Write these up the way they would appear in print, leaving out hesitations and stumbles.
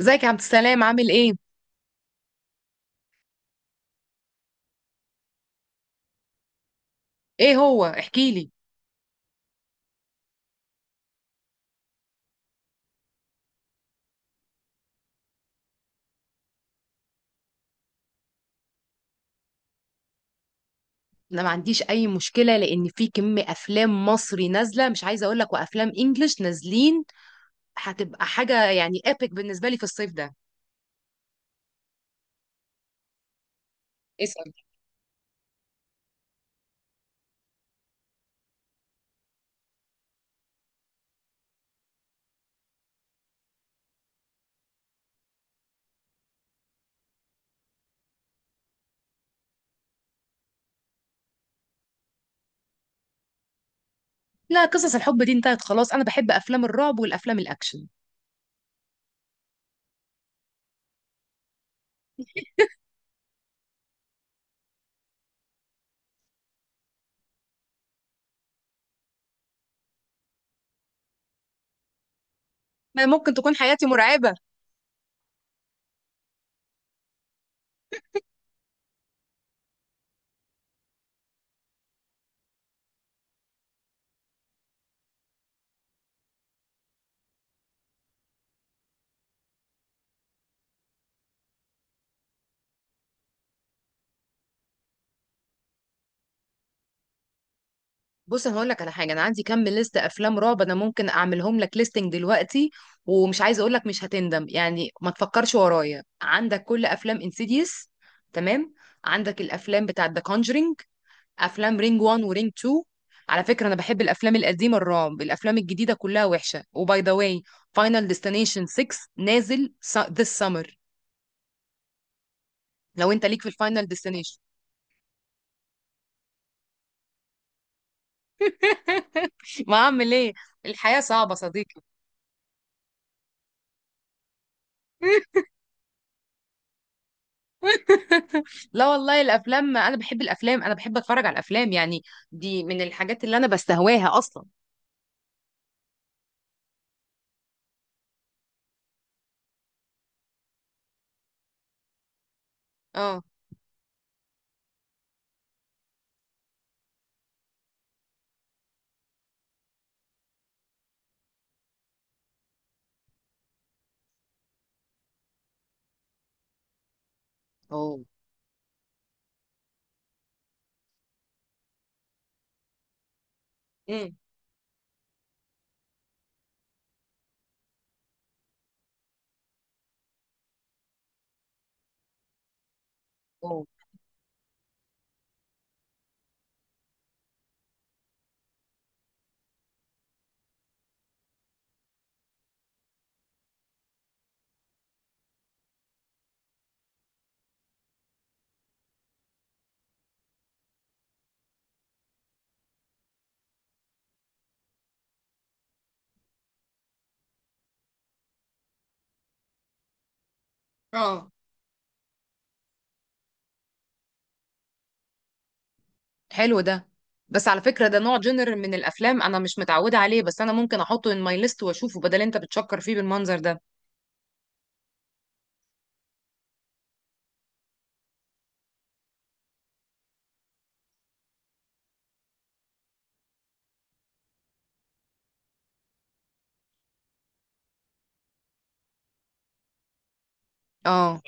ازيك يا عبد السلام، عامل ايه؟ ايه هو؟ احكي لي. انا ما عنديش اي مشكله، لان في كم افلام مصري نازله مش عايزه اقول لك، وافلام انجلش نازلين. هتبقى حاجه يعني ايبك بالنسبه لي في الصيف ده. اسال. لا، قصص الحب دي انتهت خلاص. انا بحب افلام الرعب والافلام الاكشن. ما ممكن تكون حياتي مرعبه. بص، انا هقول لك على حاجه. انا عندي كم ليست افلام رعب، انا ممكن اعملهم لك ليستنج دلوقتي. ومش عايزه اقول لك، مش هتندم يعني، ما تفكرش ورايا. عندك كل افلام انسيديوس. تمام. عندك الافلام بتاعه ذا كونجرينج. افلام رينج 1 ورينج 2. على فكره، انا بحب الافلام القديمه الرعب، الافلام الجديده كلها وحشه. وباي ذا واي، فاينل ديستنيشن 6 نازل ذس سمر. لو انت ليك في الفاينل ديستنيشن. ما اعمل ايه؟ الحياه صعبه صديقي. لا والله الافلام، انا بحب اتفرج على الافلام يعني. دي من الحاجات اللي انا بستهواها اصلا. اه. اوه. امم. اوه. اه. حلو ده. بس على فكرة، ده نوع جنر من الافلام انا مش متعودة عليه، بس انا ممكن احطه ان ماي ليست واشوفه بدل انت بتشكر فيه بالمنظر ده. اه.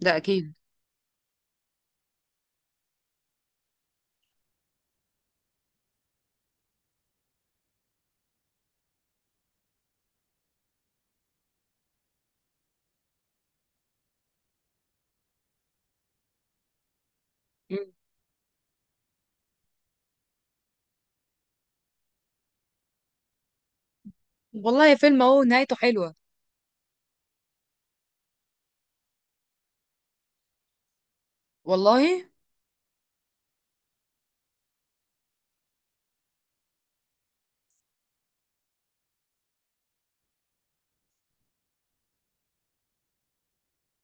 ده اكيد. مم. والله فيلم اهو نهايته حلوة. والله.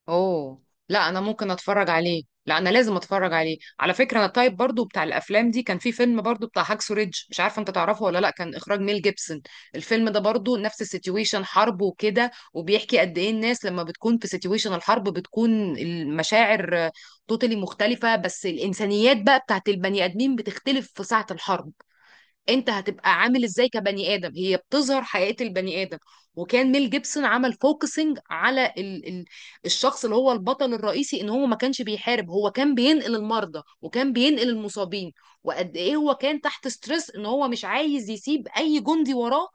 اوه. لا، انا ممكن اتفرج عليه. لا، انا لازم اتفرج عليه. على فكره، انا التايب برضو بتاع الافلام دي، كان في فيلم برضو بتاع هاكسو ريدج، مش عارفه انت تعرفه ولا لا، كان اخراج ميل جيبسون. الفيلم ده برضو نفس السيتويشن حرب وكده، وبيحكي قد ايه الناس لما بتكون في سيتويشن الحرب بتكون المشاعر توتالي مختلفه. بس الانسانيات بقى بتاعت البني ادمين بتختلف في ساعه الحرب. انت هتبقى عامل ازاي كبني ادم؟ هي بتظهر حقيقة البني ادم. وكان ميل جيبسون عمل فوكسنج على ال الشخص اللي هو البطل الرئيسي، ان هو ما كانش بيحارب، هو كان بينقل المرضى وكان بينقل المصابين. وقد ايه هو كان تحت ستريس ان هو مش عايز يسيب اي جندي وراه.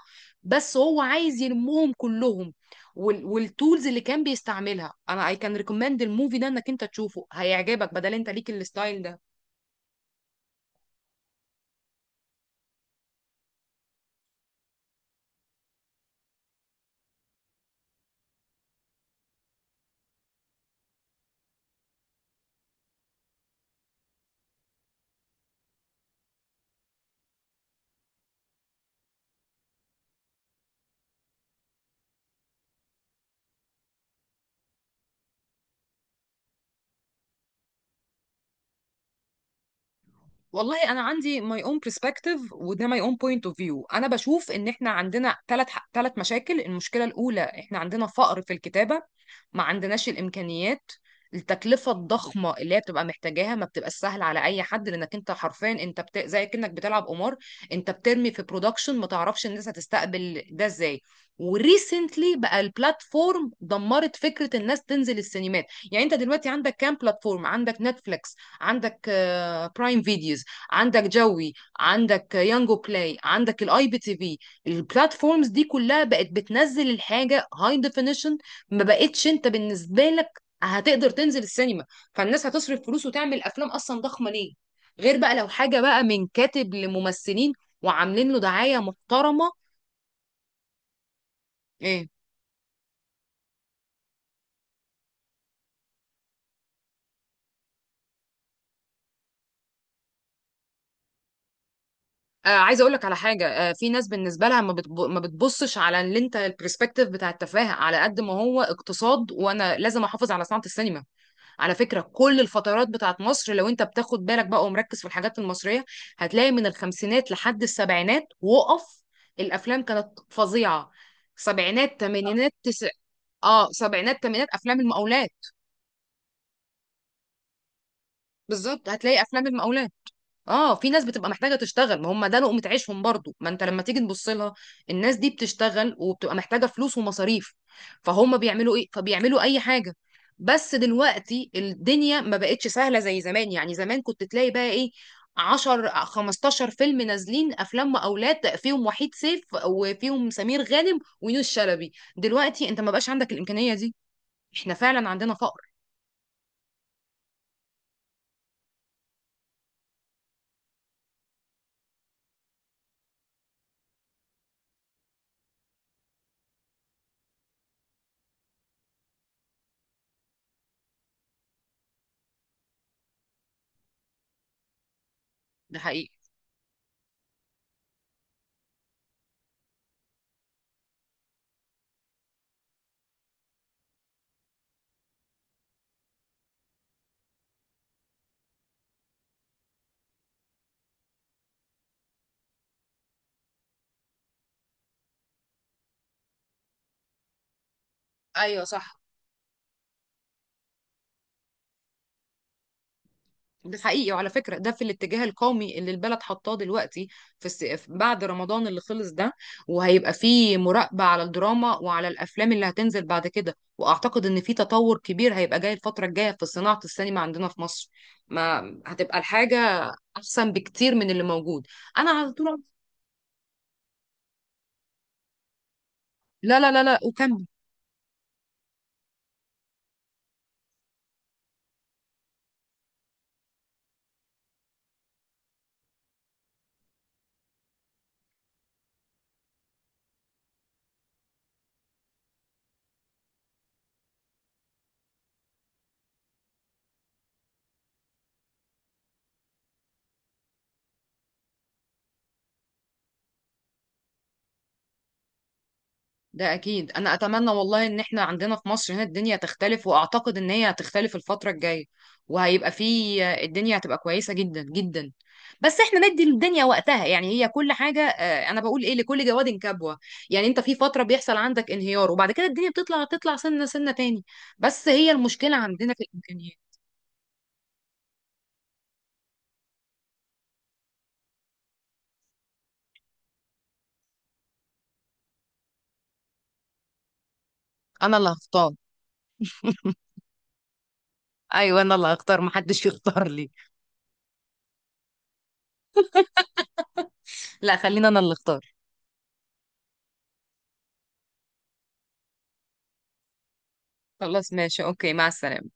بس هو عايز يلمهم كلهم. والتولز اللي كان بيستعملها. انا I can recommend الموفي ده انك انت تشوفه، هيعجبك بدل انت ليك الستايل ده. والله انا عندي my own perspective، وده my own point of view. انا بشوف ان احنا عندنا ثلاث مشاكل. المشكله الاولى، احنا عندنا فقر في الكتابه. ما عندناش الامكانيات. التكلفه الضخمه اللي هي بتبقى محتاجاها ما بتبقى سهله على اي حد، لانك انت حرفيا زي كانك بتلعب قمار. انت بترمي في برودكشن، ما تعرفش الناس هتستقبل ده ازاي. وريسنتلي بقى البلاتفورم دمرت فكره الناس تنزل السينمات. يعني انت دلوقتي عندك كام بلاتفورم؟ عندك نتفليكس، عندك برايم فيديوز، عندك جوي، عندك يانجو بلاي، عندك الاي بي تي في. البلاتفورمز دي كلها بقت بتنزل الحاجه هاي ديفينيشن. ما بقتش انت بالنسبه لك هتقدر تنزل السينما. فالناس هتصرف فلوس وتعمل افلام اصلا ضخمه ليه؟ غير بقى لو حاجه بقى من كاتب لممثلين وعاملين له دعايه محترمه. ايه. عايزه اقول لك على حاجه، في ناس بالنسبه لها ما بتبصش على اللي انت البرسبكتيف بتاع التفاهه على قد ما هو اقتصاد، وانا لازم احافظ على صناعه السينما. على فكرة، كل الفترات بتاعت مصر لو انت بتاخد بالك بقى ومركز في الحاجات المصرية، هتلاقي من الخمسينات لحد السبعينات وقف. الافلام كانت فظيعة. سبعينات تمانينات تس... اه سبعينات تمانينات افلام المقاولات. بالظبط، هتلاقي افلام المقاولات. اه، في ناس بتبقى محتاجه تشتغل، ما هم ده لقمه عيشهم برضو، ما انت لما تيجي تبص لها الناس دي بتشتغل وبتبقى محتاجه فلوس ومصاريف. فهم بيعملوا ايه؟ فبيعملوا اي حاجه. بس دلوقتي الدنيا ما بقتش سهله زي زمان. يعني زمان كنت تلاقي بقى ايه، 10 15 فيلم نازلين، افلام اولاد فيهم وحيد سيف وفيهم سمير غانم ويونس شلبي. دلوقتي انت ما بقاش عندك الامكانيه دي. احنا فعلا عندنا فقر. ده حقيقي. ايوه صح. ده حقيقي، وعلى فكرة ده في الاتجاه القومي اللي البلد حطاه دلوقتي. بعد رمضان اللي خلص ده، وهيبقى فيه مراقبة على الدراما وعلى الأفلام اللي هتنزل بعد كده، وأعتقد إن في تطور كبير هيبقى جاي الفترة الجاية في صناعة السينما عندنا في مصر. ما هتبقى الحاجة أحسن بكتير من اللي موجود. أنا على طول. لا، لا، لا، لا، وكان. ده اكيد، انا اتمنى والله ان احنا عندنا في مصر هنا الدنيا تختلف، واعتقد ان هي هتختلف الفترة الجاية. وهيبقى في الدنيا هتبقى كويسة جدا جدا. بس احنا ندي الدنيا وقتها، يعني هي كل حاجة، انا بقول ايه، لكل جواد كبوة. يعني انت في فترة بيحصل عندك انهيار، وبعد كده الدنيا بتطلع سنة سنة تاني. بس هي المشكلة عندنا في الامكانيات. انا اللي هختار. ايوه انا اللي هختار، محدش يختار لي. لا، خلينا انا اللي اختار. خلاص، ماشي، اوكي، مع السلامة.